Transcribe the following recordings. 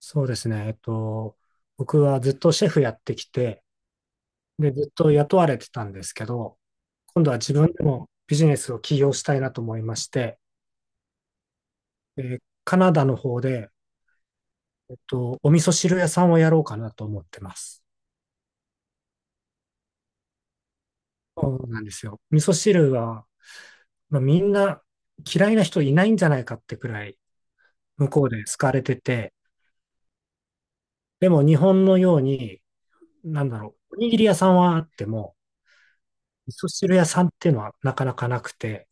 そうですね。僕はずっとシェフやってきて、で、ずっと雇われてたんですけど、今度は自分でもビジネスを起業したいなと思いまして、でカナダの方で、お味噌汁屋さんをやろうかなと思ってます。そうなんですよ。味噌汁は、まあ、みんな嫌いな人いないんじゃないかってくらい、向こうで好かれてて、でも日本のように、なんだろう、おにぎり屋さんはあっても、味噌汁屋さんっていうのはなかなかなくて、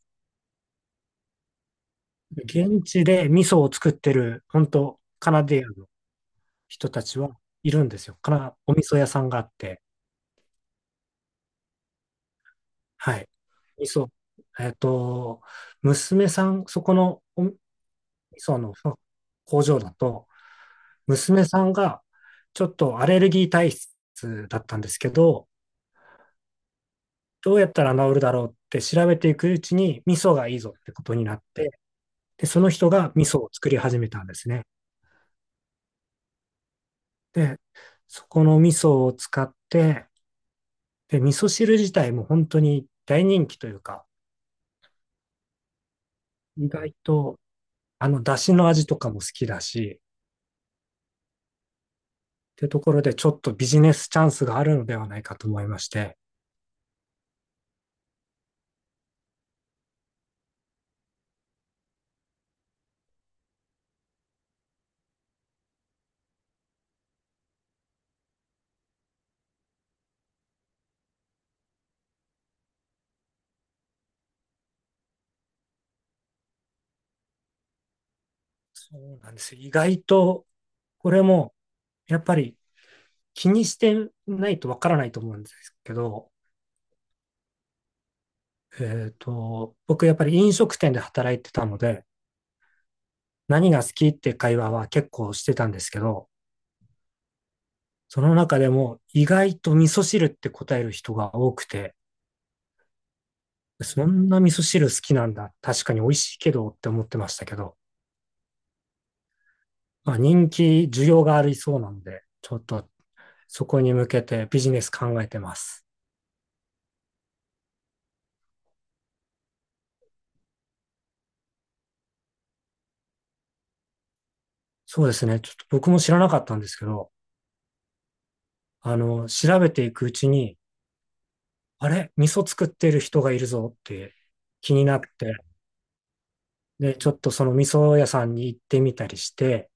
現地で味噌を作ってる、本当カナディアンの人たちはいるんですよ。かな、お味噌屋さんがあって、はい。味噌、えっと、娘さん、そこのお味噌の工場だと、娘さんがちょっとアレルギー体質だったんですけど、どうやったら治るだろうって調べていくうちに味噌がいいぞってことになって、で、その人が味噌を作り始めたんですね。で、そこの味噌を使って、で、味噌汁自体も本当に大人気というか、意外と出汁の味とかも好きだし、ってところでちょっとビジネスチャンスがあるのではないかと思いまして、そうなんですよ。意外と、これもやっぱり気にしてないとわからないと思うんですけど、僕やっぱり飲食店で働いてたので、何が好きって会話は結構してたんですけど、その中でも意外と味噌汁って答える人が多くて、そんな味噌汁好きなんだ。確かに美味しいけどって思ってましたけど、まあ、人気、需要がありそうなんで、ちょっとそこに向けてビジネス考えてます。そうですね。ちょっと僕も知らなかったんですけど、調べていくうちに、あれ味噌作ってる人がいるぞって気になって、で、ちょっとその味噌屋さんに行ってみたりして、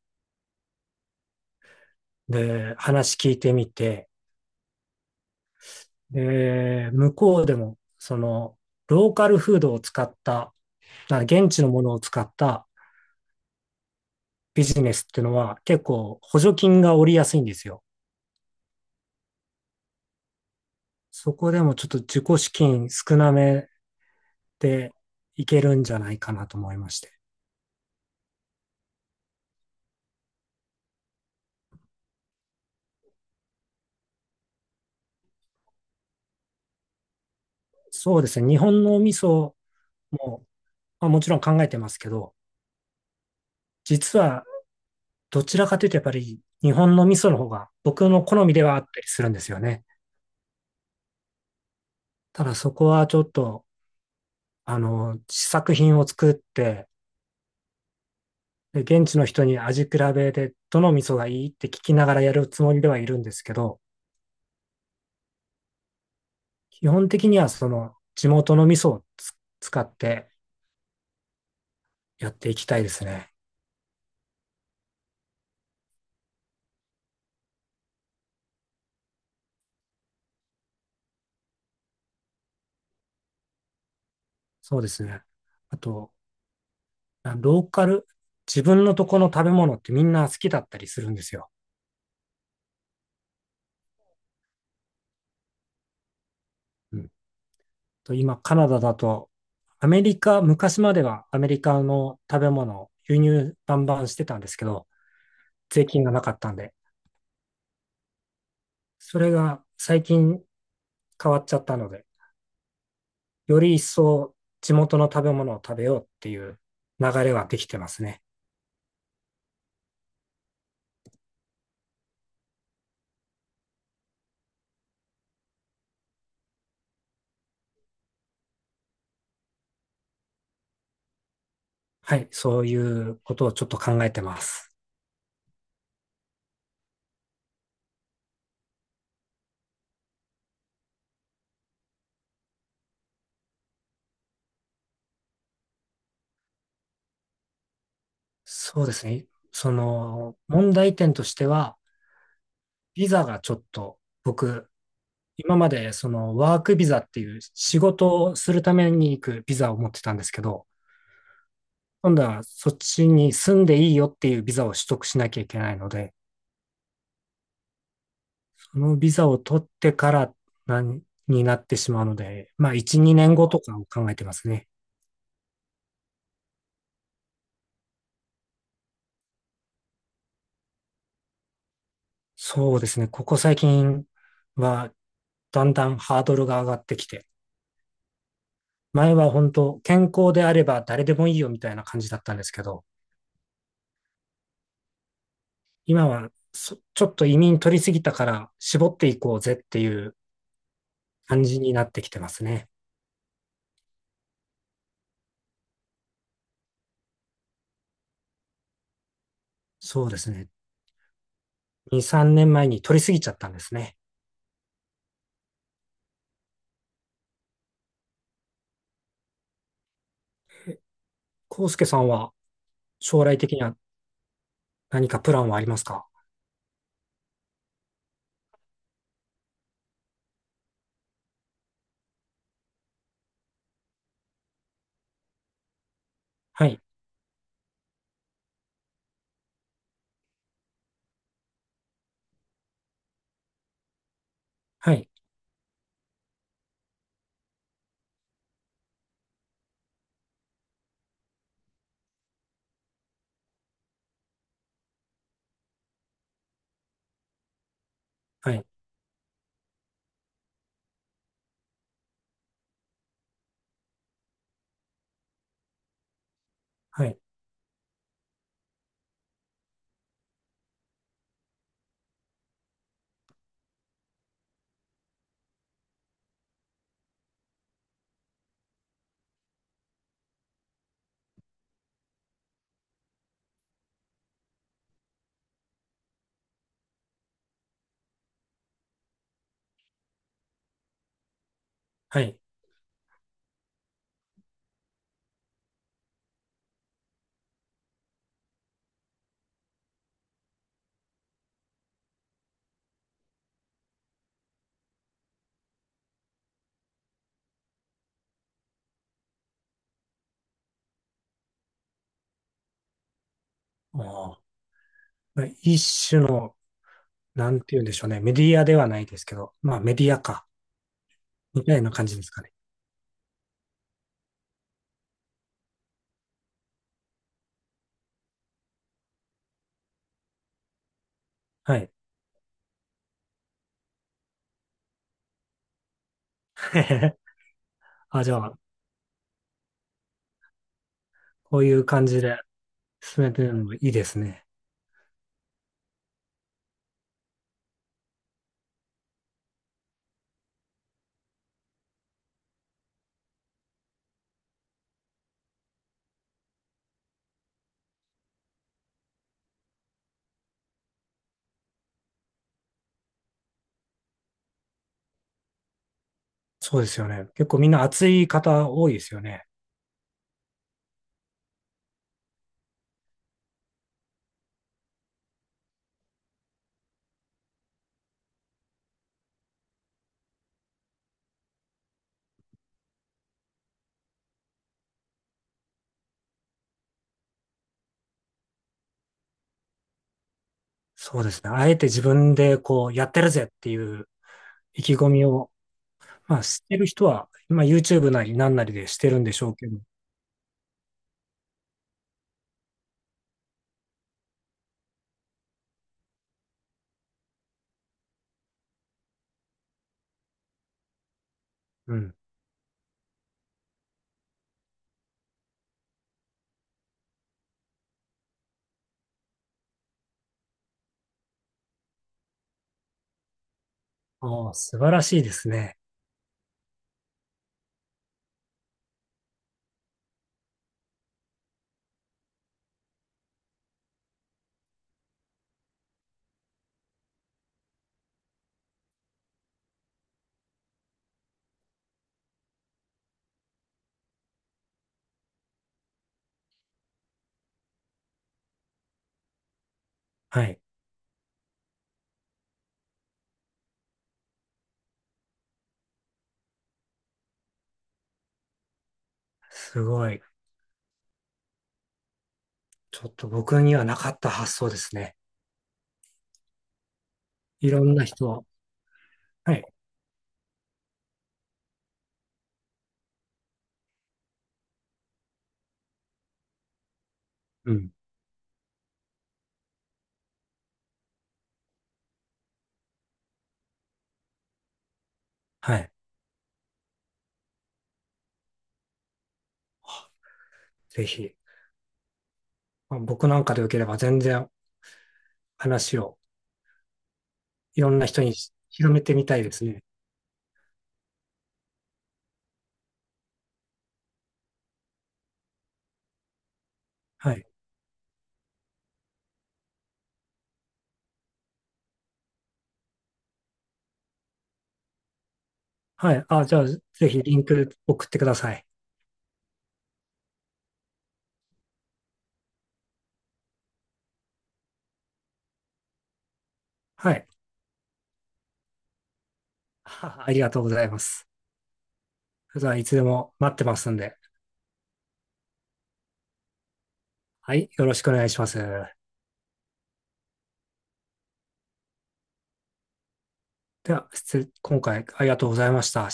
で、話聞いてみて、で、向こうでも、その、ローカルフードを使った、現地のものを使ったビジネスっていうのは結構補助金が下りやすいんですよ。そこでもちょっと自己資金少なめでいけるんじゃないかなと思いまして。そうですね。日本の味噌も、まあ、もちろん考えてますけど、実はどちらかというとやっぱり日本の味噌の方が僕の好みではあったりするんですよね。ただそこはちょっと、試作品を作って、で現地の人に味比べでどの味噌がいいって聞きながらやるつもりではいるんですけど、基本的にはその地元の味噌を使ってやっていきたいですね。そうですね。あと、あローカル、自分のとこの食べ物ってみんな好きだったりするんですよ。うん、と今、カナダだと、アメリカ、昔まではアメリカの食べ物を輸入バンバンしてたんですけど、税金がなかったんで、それが最近変わっちゃったので、より一層地元の食べ物を食べようっていう流れはできてますね。はい、そういうことをちょっと考えてます。そうですね。その、問題点としては、ビザがちょっと、僕、今までそのワークビザっていう仕事をするために行くビザを持ってたんですけど、今度はそっちに住んでいいよっていうビザを取得しなきゃいけないので、そのビザを取ってからなんになってしまうので、まあ1、2年後とかを考えてますね。そうですね。ここ最近はだんだんハードルが上がってきて、前は本当、健康であれば誰でもいいよみたいな感じだったんですけど、今はちょっと移民取りすぎたから絞っていこうぜっていう感じになってきてますね。そうですね。2、3年前に取りすぎちゃったんですね。康介さんは将来的には何かプランはありますか？はい、はい、はい、はい、はい。あ一種の、なんて言うんでしょうね。メディアではないですけど、まあメディアか、みたいな感じですかね。はい。あ、じゃあ、こういう感じで進めてるのもいいですね。そうですよね。結構みんな熱い方多いですよね。そうですね。あえて自分でこうやってるぜっていう意気込みを、まあしてる人は、まあ YouTube なりなんなりでしてるんでしょうけど。うん。ああ、素晴らしいですね。はい。すごい。ちょっと僕にはなかった発想ですね。いろんな人を。はい。うん。はい。ぜひ。まあ僕なんかでよければ全然話をいろんな人に広めてみたいですね。はい。はい。あ、じゃあ、ぜひリンク送ってください。はい。ありがとうございます。それではいつでも待ってますんで。はい。よろしくお願いします。では、今回ありがとうございました。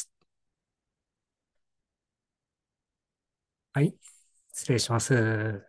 はい。失礼します。